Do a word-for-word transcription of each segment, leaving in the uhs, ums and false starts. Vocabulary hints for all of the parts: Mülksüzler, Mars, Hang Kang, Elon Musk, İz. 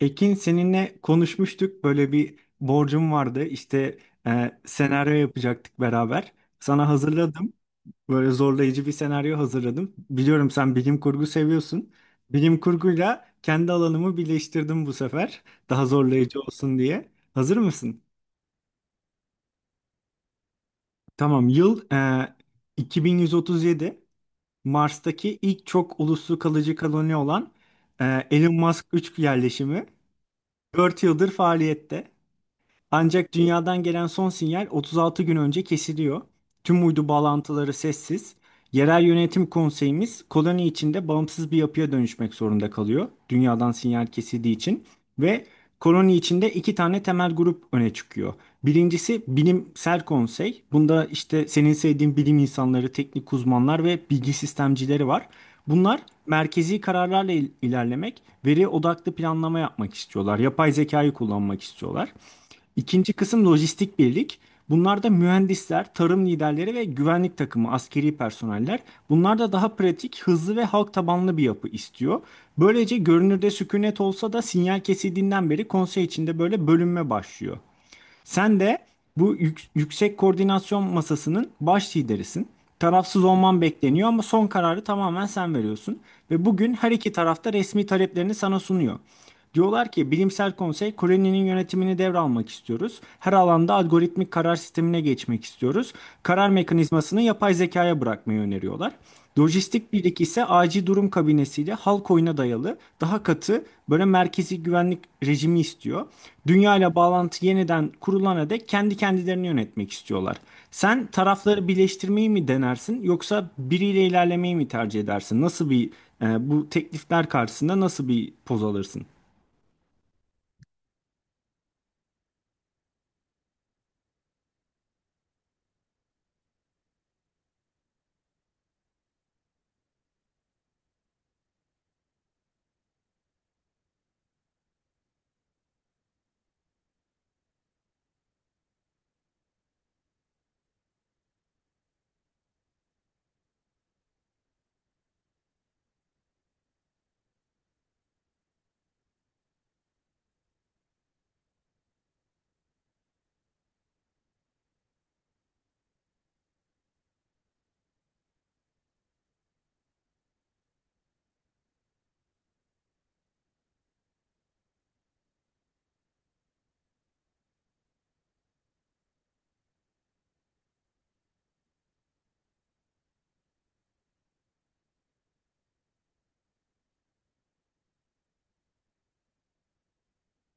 Ekin, seninle konuşmuştuk. Böyle bir borcum vardı. İşte e, senaryo yapacaktık beraber. Sana hazırladım. Böyle zorlayıcı bir senaryo hazırladım. Biliyorum sen bilim kurgu seviyorsun. Bilim kurguyla kendi alanımı birleştirdim bu sefer. Daha zorlayıcı olsun diye. Hazır mısın? Tamam. Yıl e, iki bin yüz otuz yedi. Mars'taki ilk çok uluslu kalıcı koloni olan e, Elon Musk üç yerleşimi dört yıldır faaliyette. Ancak dünyadan gelen son sinyal otuz altı gün önce kesiliyor. Tüm uydu bağlantıları sessiz. Yerel yönetim konseyimiz koloni içinde bağımsız bir yapıya dönüşmek zorunda kalıyor. Dünyadan sinyal kesildiği için ve koloni içinde iki tane temel grup öne çıkıyor. Birincisi bilimsel konsey. Bunda işte senin sevdiğin bilim insanları, teknik uzmanlar ve bilgi sistemcileri var. Bunlar merkezi kararlarla il- ilerlemek, veri odaklı planlama yapmak istiyorlar. Yapay zekayı kullanmak istiyorlar. İkinci kısım lojistik birlik. Bunlar da mühendisler, tarım liderleri ve güvenlik takımı, askeri personeller. Bunlar da daha pratik, hızlı ve halk tabanlı bir yapı istiyor. Böylece görünürde sükunet olsa da sinyal kesildiğinden beri konsey içinde böyle bölünme başlıyor. Sen de bu yük- yüksek koordinasyon masasının baş liderisin. Tarafsız olman bekleniyor ama son kararı tamamen sen veriyorsun. Ve bugün her iki tarafta resmi taleplerini sana sunuyor. Diyorlar ki bilimsel konsey Koreli'nin yönetimini devralmak istiyoruz. Her alanda algoritmik karar sistemine geçmek istiyoruz. Karar mekanizmasını yapay zekaya bırakmayı öneriyorlar. Lojistik birlik ise acil durum kabinesiyle halk oyuna dayalı daha katı böyle merkezi güvenlik rejimi istiyor. Dünya ile bağlantı yeniden kurulana dek kendi kendilerini yönetmek istiyorlar. Sen tarafları birleştirmeyi mi denersin yoksa biriyle ilerlemeyi mi tercih edersin? Nasıl bir e, bu teklifler karşısında nasıl bir poz alırsın?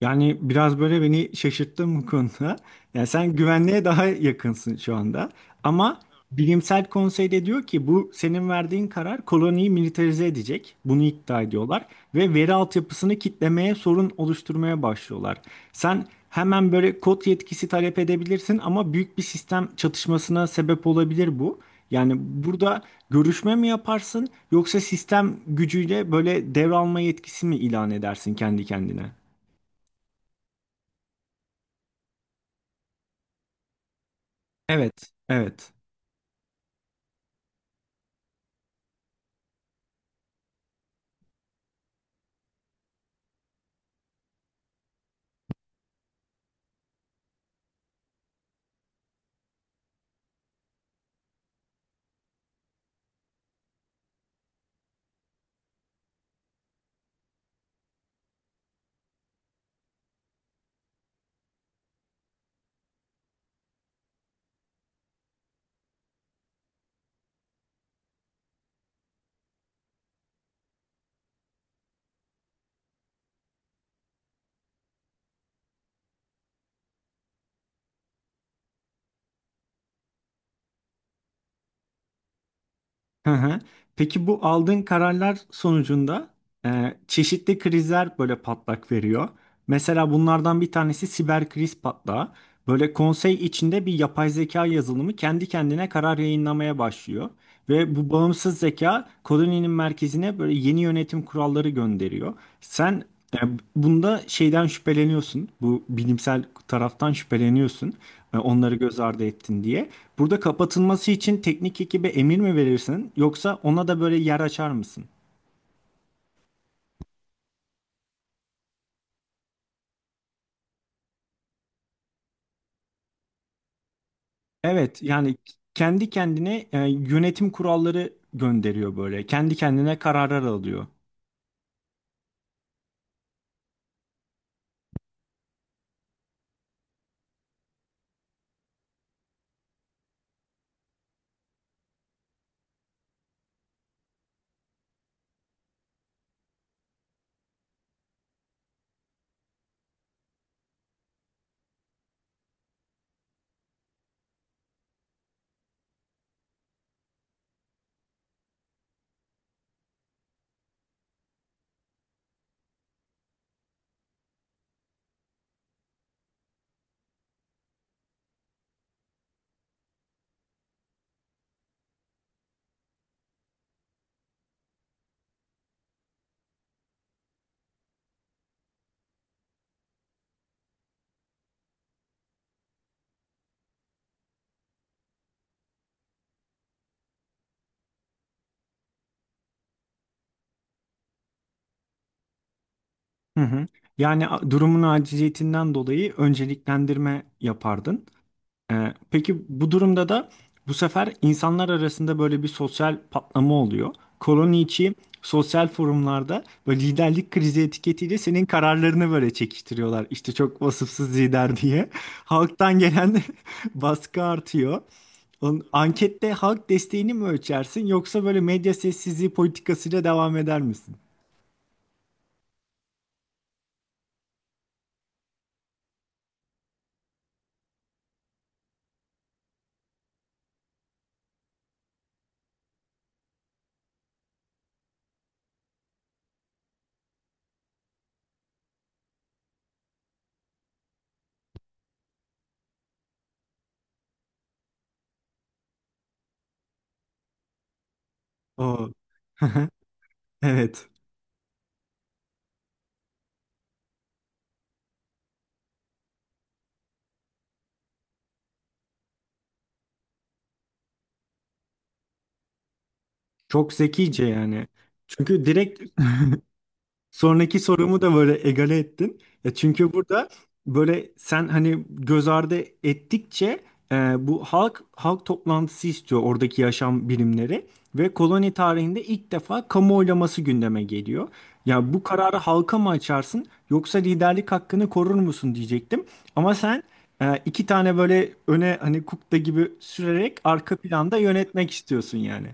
Yani biraz böyle beni şaşırttın bu konuda. Yani sen güvenliğe daha yakınsın şu anda. Ama bilimsel konsey de diyor ki bu senin verdiğin karar koloniyi militarize edecek. Bunu iddia ediyorlar. Ve veri altyapısını kitlemeye, sorun oluşturmaya başlıyorlar. Sen hemen böyle kod yetkisi talep edebilirsin ama büyük bir sistem çatışmasına sebep olabilir bu. Yani burada görüşme mi yaparsın yoksa sistem gücüyle böyle devralma yetkisi mi ilan edersin kendi kendine? Evet, evet. Hı hı. Peki bu aldığın kararlar sonucunda e, çeşitli krizler böyle patlak veriyor. Mesela bunlardan bir tanesi siber kriz patlağı. Böyle konsey içinde bir yapay zeka yazılımı kendi kendine karar yayınlamaya başlıyor. Ve bu bağımsız zeka koloninin merkezine böyle yeni yönetim kuralları gönderiyor. Sen yani bunda şeyden şüpheleniyorsun. Bu bilimsel taraftan şüpheleniyorsun. e, Onları göz ardı ettin diye. Burada kapatılması için teknik ekibe emir mi verirsin yoksa ona da böyle yer açar mısın? Evet yani kendi kendine e, yönetim kuralları gönderiyor böyle. Kendi kendine kararlar alıyor. Hı hı. Yani a- durumun aciliyetinden dolayı önceliklendirme yapardın. Ee, peki bu durumda da bu sefer insanlar arasında böyle bir sosyal patlama oluyor. Koloni içi sosyal forumlarda böyle liderlik krizi etiketiyle senin kararlarını böyle çekiştiriyorlar. İşte çok vasıfsız lider diye. Halktan gelen baskı artıyor. Onun- Ankette halk desteğini mi ölçersin yoksa böyle medya sessizliği politikasıyla devam eder misin? Oo. Evet. Çok zekice yani. Çünkü direkt sonraki sorumu da böyle egale ettin. Ya çünkü burada böyle sen hani göz ardı ettikçe e, bu halk halk toplantısı istiyor oradaki yaşam bilimleri ve koloni tarihinde ilk defa kamu oylaması gündeme geliyor. Ya bu kararı halka mı açarsın yoksa liderlik hakkını korur musun diyecektim. Ama sen e, iki tane böyle öne hani kukla gibi sürerek arka planda yönetmek istiyorsun yani.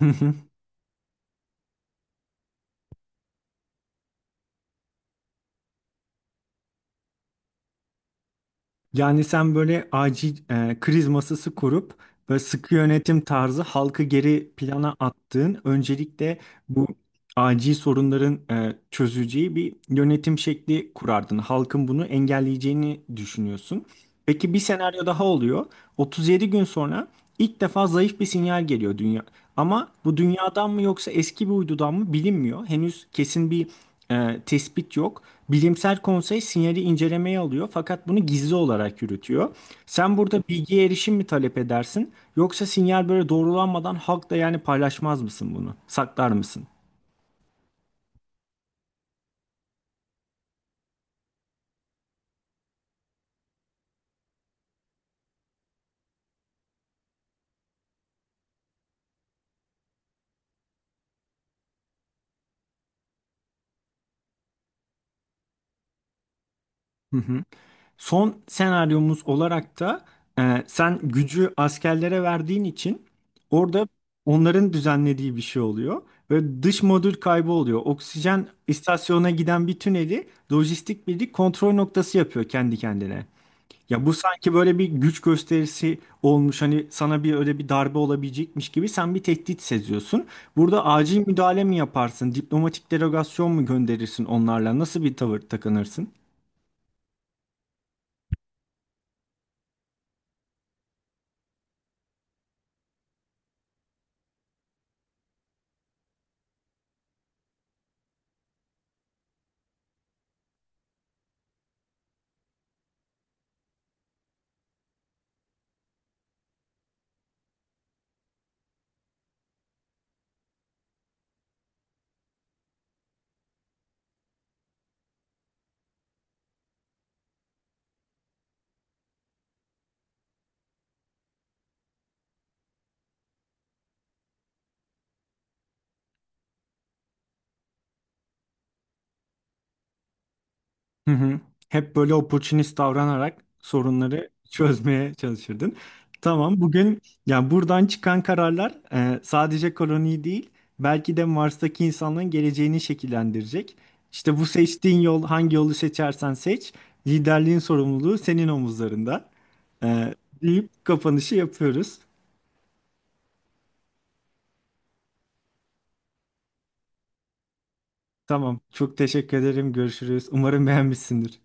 Yani sen böyle acil e, kriz masası kurup böyle sıkı yönetim tarzı halkı geri plana attığın öncelikle bu acil sorunların e, çözüleceği bir yönetim şekli kurardın. Halkın bunu engelleyeceğini düşünüyorsun. Peki bir senaryo daha oluyor. otuz yedi gün sonra ilk defa zayıf bir sinyal geliyor dünya. Ama bu dünyadan mı yoksa eski bir uydudan mı bilinmiyor. Henüz kesin bir e, tespit yok. Bilimsel konsey sinyali incelemeye alıyor fakat bunu gizli olarak yürütüyor. Sen burada bilgiye erişim mi talep edersin yoksa sinyal böyle doğrulanmadan halkla yani paylaşmaz mısın bunu? Saklar mısın? Son senaryomuz olarak da e, sen gücü askerlere verdiğin için orada onların düzenlediği bir şey oluyor. Ve dış modül kaybı oluyor. Oksijen istasyonuna giden bir tüneli lojistik birlik kontrol noktası yapıyor kendi kendine. Ya bu sanki böyle bir güç gösterisi olmuş. Hani sana bir öyle bir darbe olabilecekmiş gibi sen bir tehdit seziyorsun. Burada acil müdahale mi yaparsın? Diplomatik delegasyon mu gönderirsin onlarla? Nasıl bir tavır takınırsın? Hı hı. Hep böyle opportunist davranarak sorunları çözmeye çalışırdın. Tamam, bugün yani buradan çıkan kararlar e, sadece koloniyi değil, belki de Mars'taki insanların geleceğini şekillendirecek. İşte bu seçtiğin yol, hangi yolu seçersen seç, liderliğin sorumluluğu senin omuzlarında. E, deyip kapanışı yapıyoruz. Tamam, çok teşekkür ederim. Görüşürüz. Umarım beğenmişsindir.